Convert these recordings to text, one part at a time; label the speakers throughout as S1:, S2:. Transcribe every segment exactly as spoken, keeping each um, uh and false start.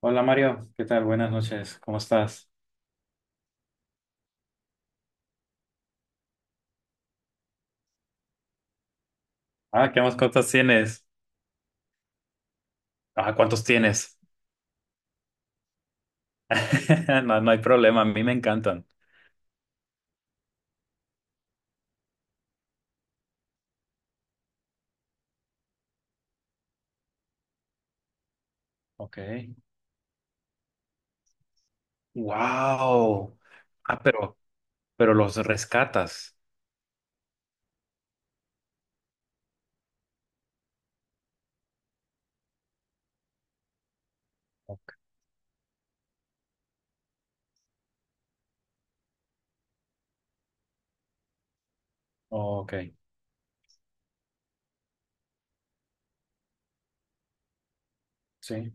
S1: Hola Mario, ¿qué tal? Buenas noches, ¿cómo estás? Ah, ¿qué más mascotas tienes? Ah, ¿cuántos tienes? No, no hay problema, a mí me encantan. Ok. Wow. Ah, pero, pero los rescatas. Ok, Ok, sí.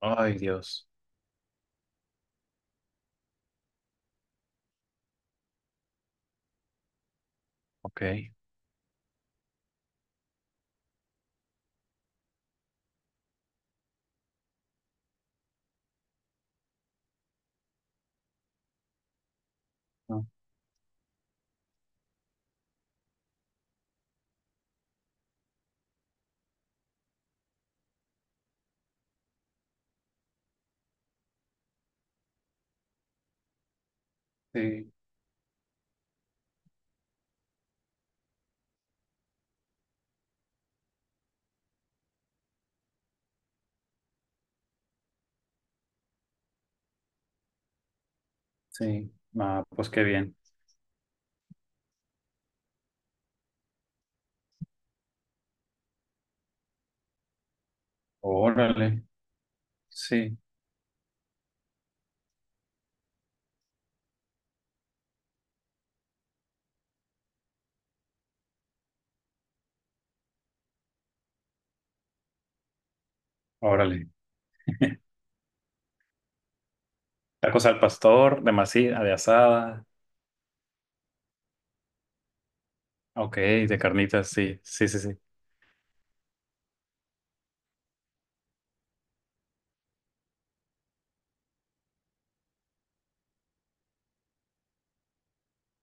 S1: Ay, Dios. Ok. Ah, sí, sí. Ah, pues qué bien. Órale, sí, órale. Tacos al pastor, de masita, de asada. Ok, de carnitas, sí, sí, sí, sí.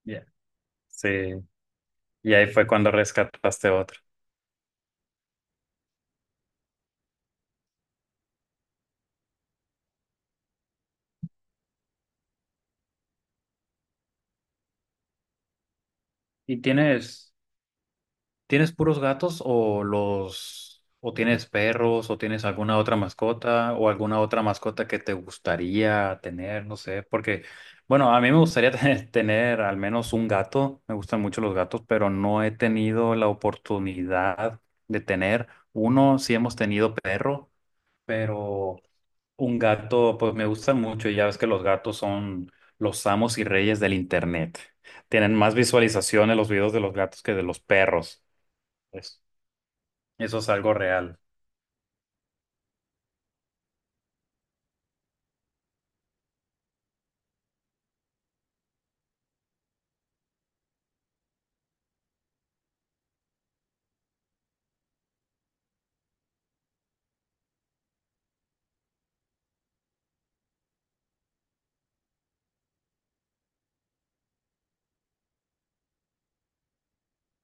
S1: Ya. Sí. Y ahí fue cuando rescataste otro. ¿Y tienes, tienes puros gatos o los, o tienes perros o tienes alguna otra mascota o alguna otra mascota que te gustaría tener? No sé, porque, bueno, a mí me gustaría tener, tener al menos un gato. Me gustan mucho los gatos, pero no he tenido la oportunidad de tener uno. Sí hemos tenido perro, pero un gato, pues me gustan mucho y ya ves que los gatos son los amos y reyes del internet. Tienen más visualizaciones los videos de los gatos que de los perros. Pues, eso es algo real.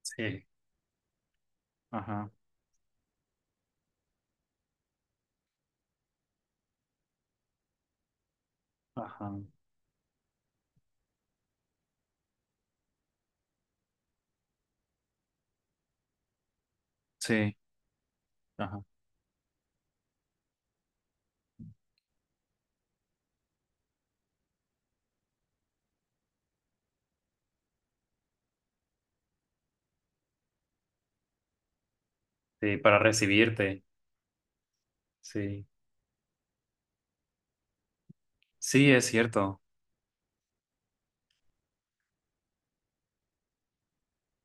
S1: Sí, ajá, ajá, sí, ajá. Sí, para recibirte. Sí, sí, es cierto.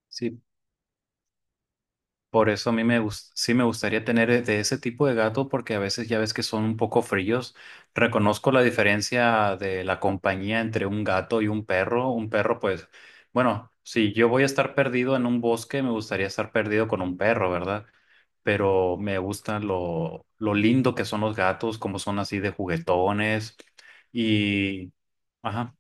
S1: Sí, por eso a mí me gus- sí me gustaría tener e- de ese tipo de gato porque a veces ya ves que son un poco fríos. Reconozco la diferencia de la compañía entre un gato y un perro. Un perro, pues, bueno, si yo voy a estar perdido en un bosque, me gustaría estar perdido con un perro, ¿verdad? Pero me gusta lo, lo lindo que son los gatos, como son así de juguetones y... Ajá.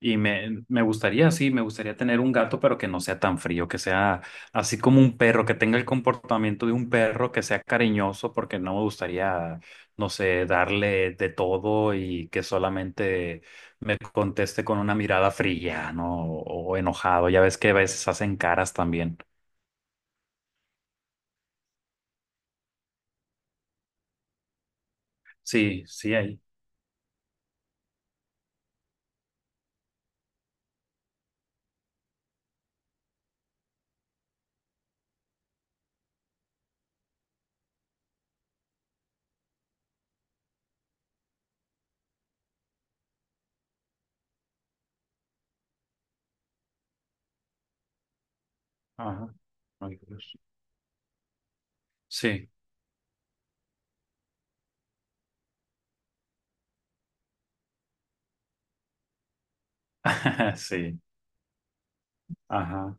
S1: Y me, me gustaría, sí, me gustaría tener un gato, pero que no sea tan frío, que sea así como un perro, que tenga el comportamiento de un perro, que sea cariñoso, porque no me gustaría, no sé, darle de todo y que solamente me conteste con una mirada fría, ¿no? O, o enojado. Ya ves que a veces hacen caras también. Sí, sí, ahí. Ajá. Ay, Dios. Sí, sí, ajá.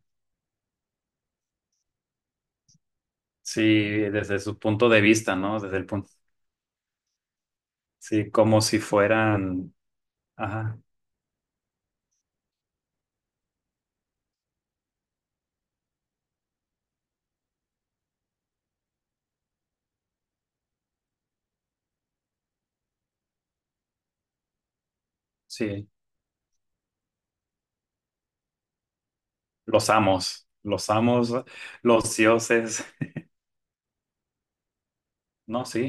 S1: Sí, desde su punto de vista, ¿no? Desde el punto. Sí, como si fueran. Ajá, sí, los amos, los amos, los dioses. No, sí,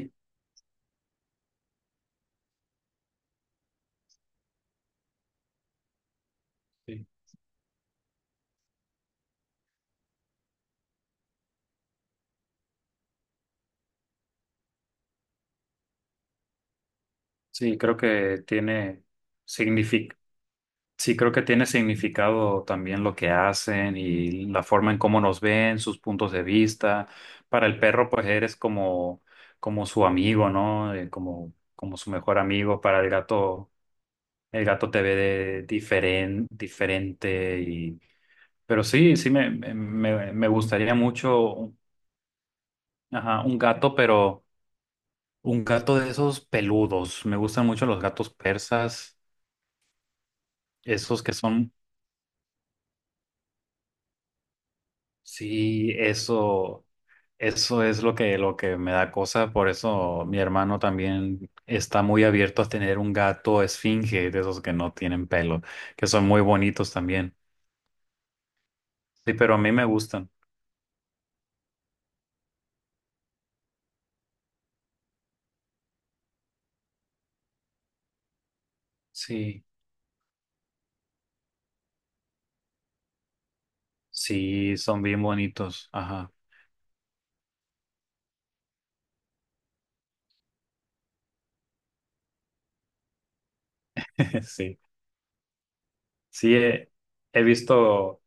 S1: sí, sí, creo que tiene signific- sí, creo que tiene significado también lo que hacen y la forma en cómo nos ven, sus puntos de vista. Para el perro, pues eres como, como su amigo, ¿no? Eh, como, como su mejor amigo. Para el gato, el gato te ve de diferen- diferente y pero sí, sí me, me, me gustaría mucho. Ajá, un gato, pero un gato de esos peludos. Me gustan mucho los gatos persas, esos que son, sí, eso, eso es lo que, lo que me da cosa. Por eso mi hermano también está muy abierto a tener un gato esfinge, de esos que no tienen pelo, que son muy bonitos también. Sí, pero a mí me gustan. Sí, sí, son bien bonitos. Ajá, sí, sí, he he visto.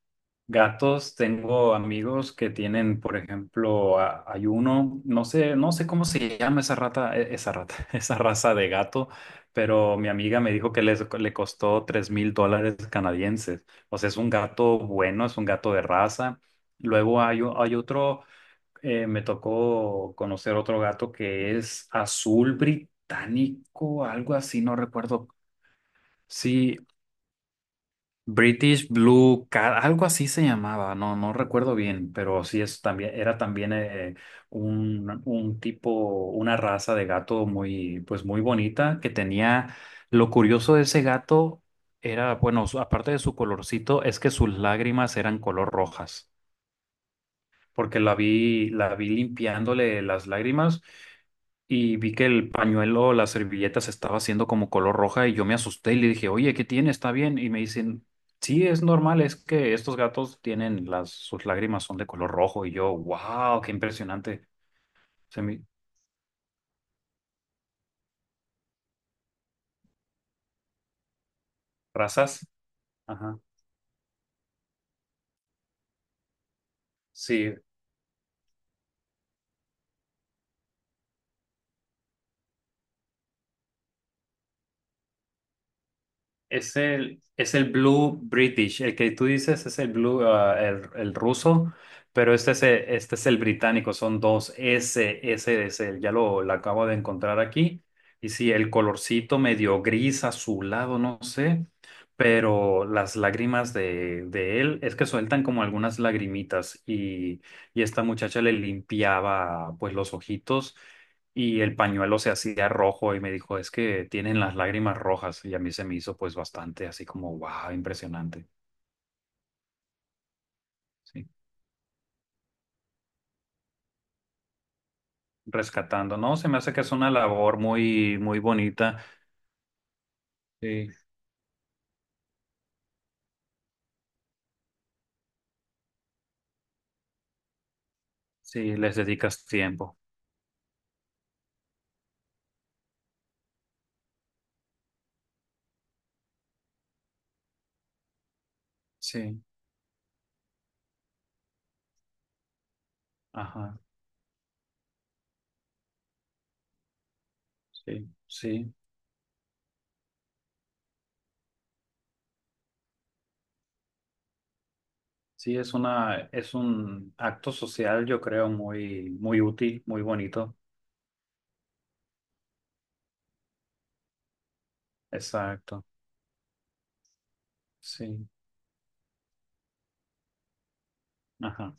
S1: Gatos, tengo amigos que tienen, por ejemplo, a- hay uno, no sé, no sé cómo se llama esa rata, e- esa rata, esa raza de gato, pero mi amiga me dijo que les, le costó tres mil dólares canadienses. O sea, es un gato bueno, es un gato de raza. Luego hay, o- hay otro, eh, me tocó conocer otro gato que es azul británico, algo así, no recuerdo. Sí, British Blue Cat, algo así se llamaba, no, no recuerdo bien, pero sí es también, era también eh, un, un tipo, una raza de gato muy, pues muy bonita que tenía, lo curioso de ese gato era, bueno, su- aparte de su colorcito, es que sus lágrimas eran color rojas porque la vi, la vi limpiándole las lágrimas y vi que el pañuelo, la servilleta se estaba haciendo como color roja y yo me asusté y le dije, oye, ¿qué tiene? ¿Está bien? Y me dicen, sí, es normal, es que estos gatos tienen las, sus lágrimas son de color rojo y yo, wow, qué impresionante. Se me... Razas. Ajá. Sí, es el, es el Blue British, el que tú dices es el Blue, ah, el, el ruso, pero este es el, este es el británico, son dos S, S es el, ya lo, lo acabo de encontrar aquí. Y sí, el colorcito medio gris, azulado, no sé, pero las lágrimas de, de él es que sueltan como algunas lagrimitas y, y esta muchacha le limpiaba pues los ojitos y el pañuelo se hacía rojo y me dijo, es que tienen las lágrimas rojas. Y a mí se me hizo pues bastante así como, wow, impresionante. Sí. Rescatando, ¿no? Se me hace que es una labor muy, muy bonita. Sí. Sí, les dedicas tiempo. Sí. Ajá. Sí. Sí. Sí, es una, es un acto social, yo creo, muy, muy útil, muy bonito. Exacto. Sí. Ajá.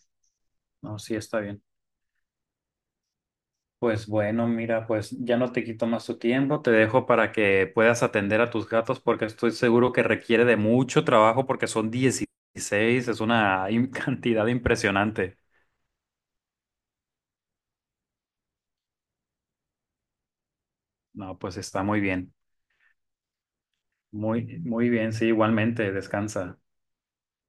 S1: No, sí, está bien. Pues bueno, mira, pues ya no te quito más tu tiempo, te dejo para que puedas atender a tus gatos porque estoy seguro que requiere de mucho trabajo porque son dieciséis, es una im- cantidad impresionante. No, pues está muy bien, muy, muy bien, sí, igualmente, descansa.